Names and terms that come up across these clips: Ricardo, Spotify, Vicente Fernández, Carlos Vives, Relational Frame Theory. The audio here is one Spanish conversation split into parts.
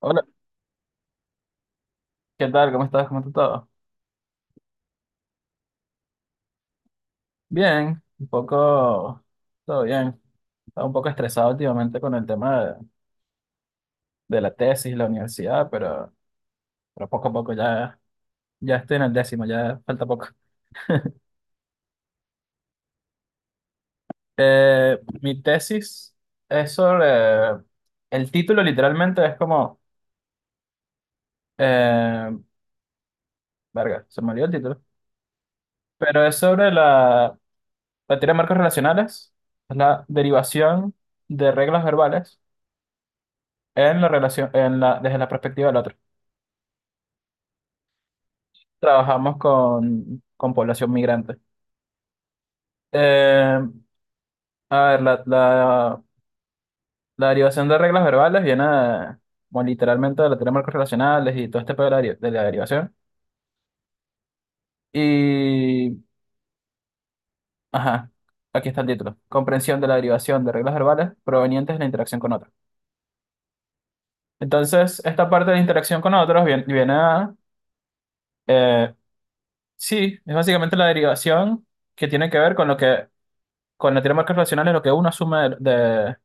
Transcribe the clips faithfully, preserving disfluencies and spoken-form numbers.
Hola, ¿qué tal? ¿Cómo estás? ¿Cómo está todo? Bien, un poco, todo bien. Estaba un poco estresado últimamente con el tema de, de la tesis, la universidad, pero, pero poco a poco ya, ya estoy en el décimo, ya falta poco. Eh, mi tesis es sobre, el título literalmente es como, eh, verga, se me olvidó el título, pero es sobre la, la teoría de marcos relacionales, la derivación de reglas verbales en la relación, en la, desde la perspectiva del otro. Trabajamos con, con población migrante. Eh, a ver, la, la, la derivación de reglas verbales viene de- bueno, literalmente de la teoría de marcos relacionales y todo este pedo de la, deri- de la derivación. Y, ajá, aquí está el título. Comprensión de la derivación de reglas verbales provenientes de la interacción con otros. Entonces, esta parte de la interacción con otros viene, viene a, eh, sí, es básicamente la derivación que tiene que ver con lo que, con la teoría de marcos relacionales, lo que uno asume de, de,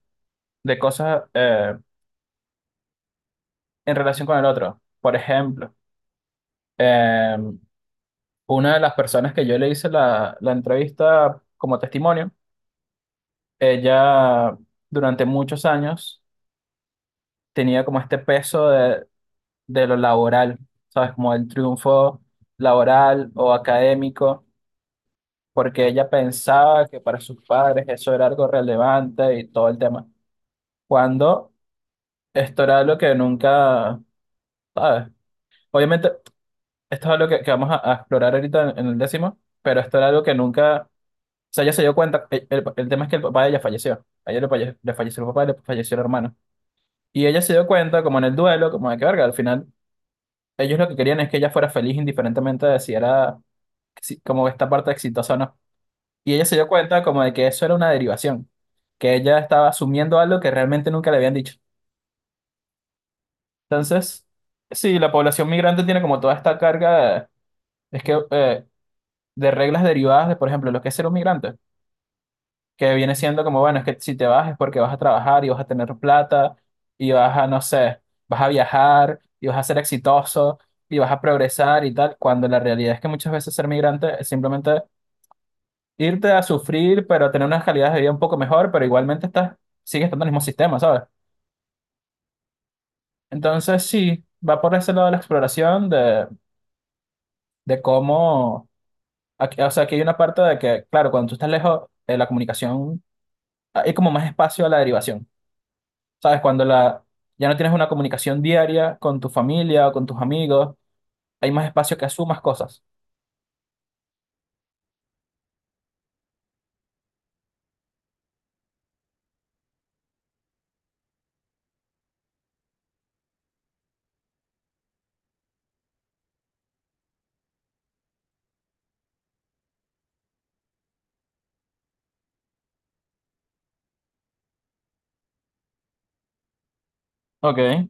de cosas. Eh, en relación con el otro. Por ejemplo, eh, una de las personas que yo le hice la, la entrevista como testimonio, ella durante muchos años tenía como este peso de, de lo laboral, ¿sabes? Como el triunfo laboral o académico, porque ella pensaba que para sus padres eso era algo relevante y todo el tema. Cuando esto era algo que nunca, ¿sabes? Obviamente, esto es algo que, que vamos a, a explorar ahorita en en el décimo, pero esto era algo que nunca. O sea, ella se dio cuenta, el, el- el tema es que el papá de ella falleció, a ella le, falle- le falleció el papá y le falleció el hermano. Y ella se dio cuenta, como en el duelo, como de que verga, al final ellos lo que querían es que ella fuera feliz indiferentemente de si era si- como esta parte exitosa o no. Y ella se dio cuenta como de que eso era una derivación, que ella estaba asumiendo algo que realmente nunca le habían dicho. Entonces, sí, la población migrante tiene como toda esta carga de, es que, eh, de reglas derivadas de, por ejemplo, lo que es ser un migrante. Que viene siendo como, bueno, es que si te vas es porque vas a trabajar y vas a tener plata y vas a, no sé, vas a viajar y vas a ser exitoso y vas a progresar y tal, cuando la realidad es que muchas veces ser migrante es simplemente irte a sufrir, pero tener unas calidades de vida un poco mejor, pero igualmente estás, sigues estando en el mismo sistema, ¿sabes? Entonces sí, va por ese lado de la exploración de, de cómo, aquí- o sea, aquí hay una parte de que, claro, cuando tú estás lejos, eh, la comunicación, ah, hay como más espacio a la derivación. ¿Sabes? Cuando la, ya no tienes una comunicación diaria con tu familia o con tus amigos, hay más espacio que asumas cosas. Ok,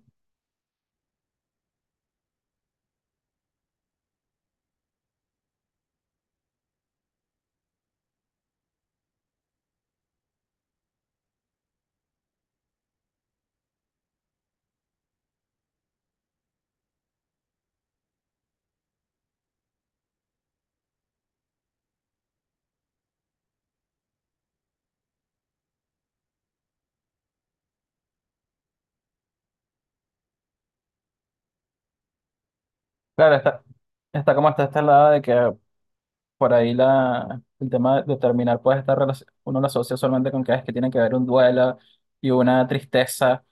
claro, está, está como está esta lado de que por ahí la, el tema de terminar puede estar relac- uno lo asocia solamente con que es que tiene que haber un duelo y una tristeza,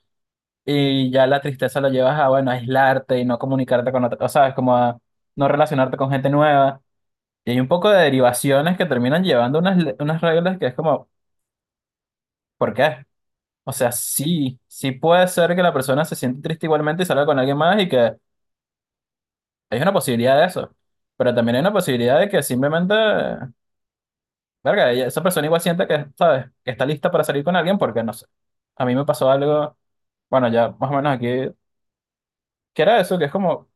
y ya la tristeza la llevas a, bueno, aislarte y no comunicarte con otra, o sabes, como a no relacionarte con gente nueva. Y hay un poco de derivaciones que terminan llevando unas, le- unas reglas que es como, ¿por qué? O sea, sí, sí puede ser que la persona se siente triste igualmente y salga con alguien más y que hay una posibilidad de eso. Pero también hay una posibilidad de que simplemente, verga, ella- esa persona igual siente que, ¿sabes? Que está lista para salir con alguien porque, no sé, a mí me pasó algo, bueno, ya más o menos aquí, que era eso, que es como,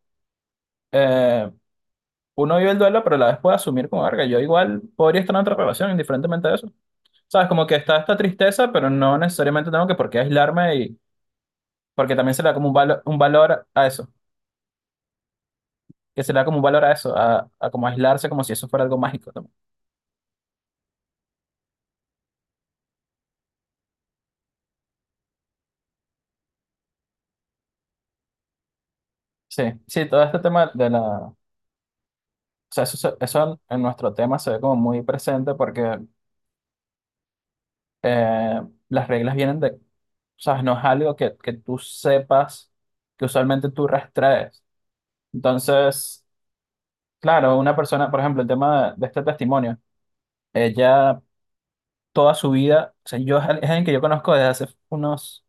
eh, uno vive el duelo, pero a la vez puede asumir como, verga, yo igual podría estar en otra relación, indiferentemente de eso. ¿Sabes? Como que está esta tristeza, pero no necesariamente tengo que por qué aislarme y porque también se le da como un valo- un valor a eso. Que se le da como un valor a eso, a, a como aislarse como si eso fuera algo mágico también. Sí, sí, todo este tema de la... O sea, eso, se- eso en nuestro tema se ve como muy presente porque eh, las reglas vienen de... Sabes, no es algo que, que tú sepas que usualmente tú rastrees. Entonces, claro, una persona, por ejemplo, el tema de, de este testimonio, ella toda su vida, o sea, yo es alguien que yo conozco desde hace unos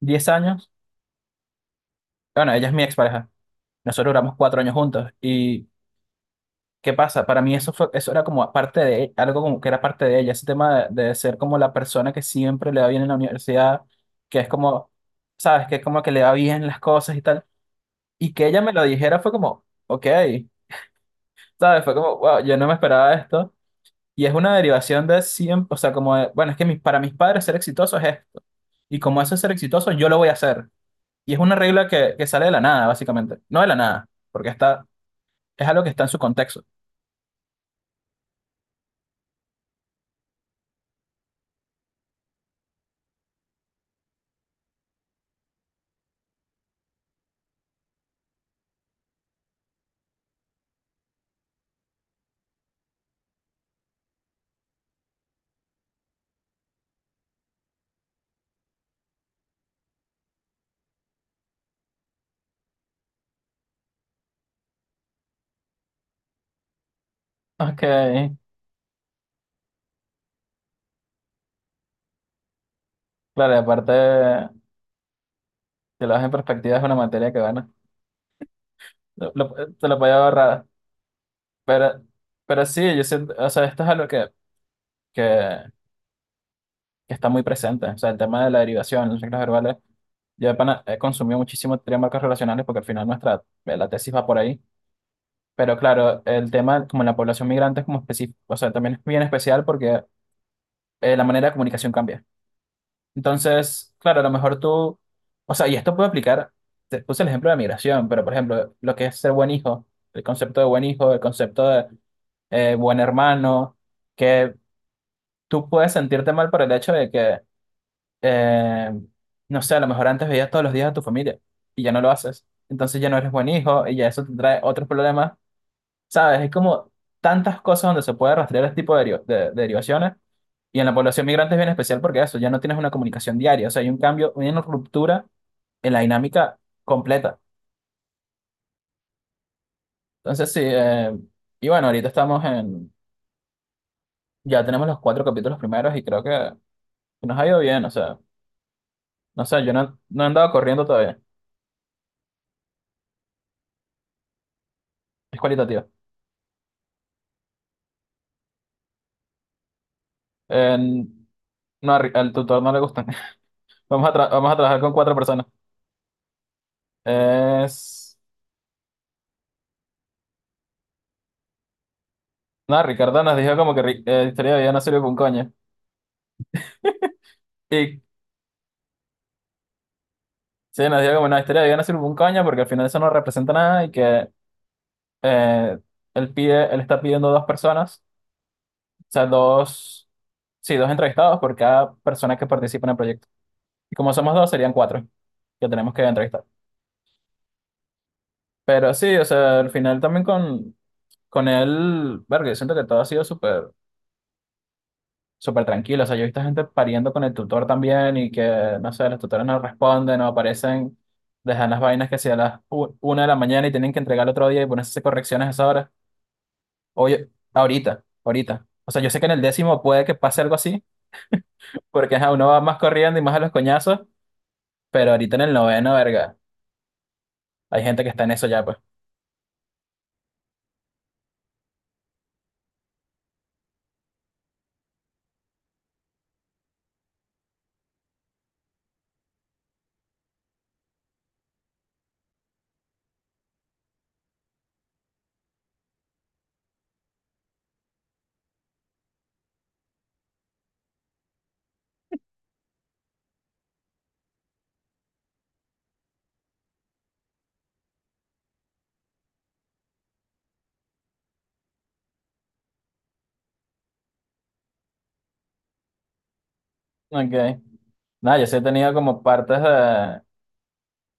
diez años, bueno, ella es mi expareja, nosotros duramos cuatro años juntos y ¿qué pasa? Para mí eso fue, eso era como parte de algo como que era parte de ella, ese tema de, de ser como la persona que siempre le va bien en la universidad, que es como, sabes, que es como que le va bien las cosas y tal, y que ella me lo dijera fue como, ok, sabes, fue como, wow, yo no me esperaba esto, y es una derivación de siempre, o sea, como, de, bueno, es que mis- para mis padres ser exitoso es esto, y como eso es ser exitoso, yo lo voy a hacer, y es una regla que, que sale de la nada, básicamente, no de la nada, porque está, es algo que está en su contexto. Ok, claro, y aparte. Si lo ves en perspectiva, es una materia que gana. Lo- lo- te lo podía ahorrar. Pero, pero sí, yo siento, o sea, esto es algo que, que, que está muy presente. O sea, el tema de la derivación, las reglas verbales. Yo de pana he consumido muchísimo teoría de marcos relacionales porque al final nuestra, eh, la tesis va por ahí. Pero claro, el tema como en la población migrante es como específico, o sea, también es bien especial porque eh, la manera de comunicación cambia. Entonces, claro, a lo mejor tú, o sea, y esto puede aplicar, te puse el ejemplo de migración, pero por ejemplo, lo que es ser buen hijo, el concepto de buen hijo, el concepto eh, buen hermano, que tú puedes sentirte mal por el hecho de que, eh, no sé, a lo mejor antes veías todos los días a tu familia y ya no lo haces. Entonces ya no eres buen hijo y ya eso te trae otros problemas, ¿sabes? Es como tantas cosas donde se puede rastrear este tipo de, deri- de- de derivaciones. Y en la población migrante es bien especial porque eso, ya no tienes una comunicación diaria, o sea, hay un cambio, una ruptura en la dinámica completa. Entonces, sí, eh, y bueno, ahorita estamos en, ya tenemos los cuatro capítulos primeros y creo que nos ha ido bien, o sea. No sé, yo no, no he andado corriendo todavía. Es cualitativa. Eh, no, a Ri- al tutor no le gustan. Vamos a, tra- vamos a trabajar con cuatro personas. Es... No, Ricardo nos dijo como que Ri- eh, historia de vida no sirve para un coño. Y sí, nos dijo como, no, historia de vida no sirve para un coño porque al final eso no representa nada y que eh, él pide, él está pidiendo dos personas, o sea, dos, sí, dos entrevistados por cada persona que participa en el proyecto. Y como somos dos, serían cuatro que tenemos que entrevistar. Pero sí, o sea, al final también con, Con él, verga, yo siento que todo ha sido súper, súper tranquilo. O sea, yo he visto gente pariendo con el tutor también y que, no sé, los tutores no responden, no aparecen, dejan las vainas que sea a las u- una de la mañana y tienen que entregar el otro día y ponerse a hacer correcciones a esa hora. Oye, ahorita, ahorita. O sea, yo sé que en el décimo puede que pase algo así, porque ajá, uno va más corriendo y más a los coñazos, pero ahorita en el noveno, verga, hay gente que está en eso ya, pues. Ok. Nada, yo sí he tenido como partes de,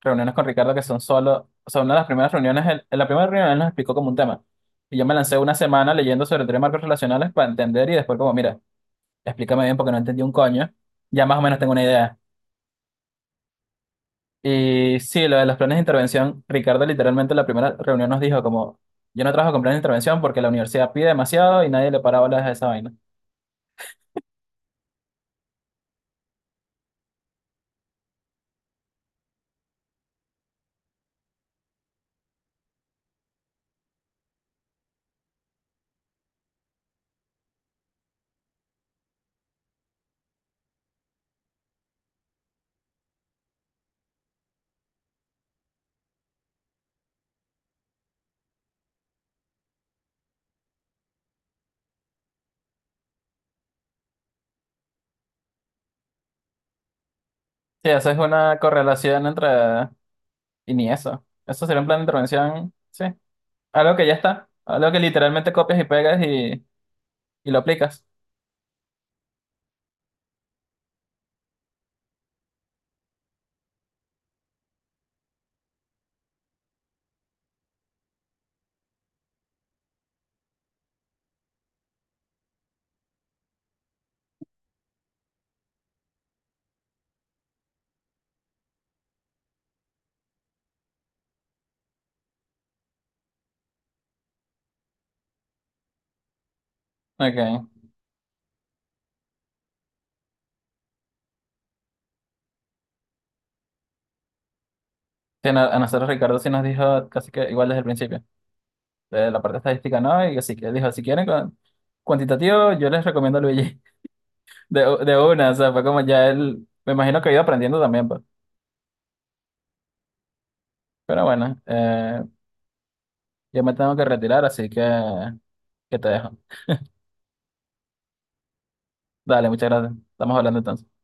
reuniones con Ricardo que son solo, o sea, una de las primeras reuniones, él- en la primera reunión él nos explicó como un tema. Y yo me lancé una semana leyendo sobre teoría de marcos relacionales para entender y después como, mira, explícame bien porque no entendí un coño. Ya más o menos tengo una idea. Y sí, lo de los planes de intervención, Ricardo literalmente en la primera reunión nos dijo como, yo no trabajo con planes de intervención porque la universidad pide demasiado y nadie le para bolas a esa vaina. Sí, eso es una correlación entre... Y ni eso. Eso sería un plan de intervención, sí. Algo que ya está. Algo que literalmente copias y pegas y, y lo aplicas. Ok. Sí, no- a nosotros Ricardo sí nos dijo casi que igual desde el principio, de la parte estadística no, y así que dijo, si quieren cu- cuantitativo, yo les recomiendo a Luigi, de, u- de una, o sea, fue como ya él, me imagino que ha ido aprendiendo también, pues. Pero bueno, eh, yo me tengo que retirar, así que, que te dejo. Dale, muchas gracias. Estamos hablando entonces.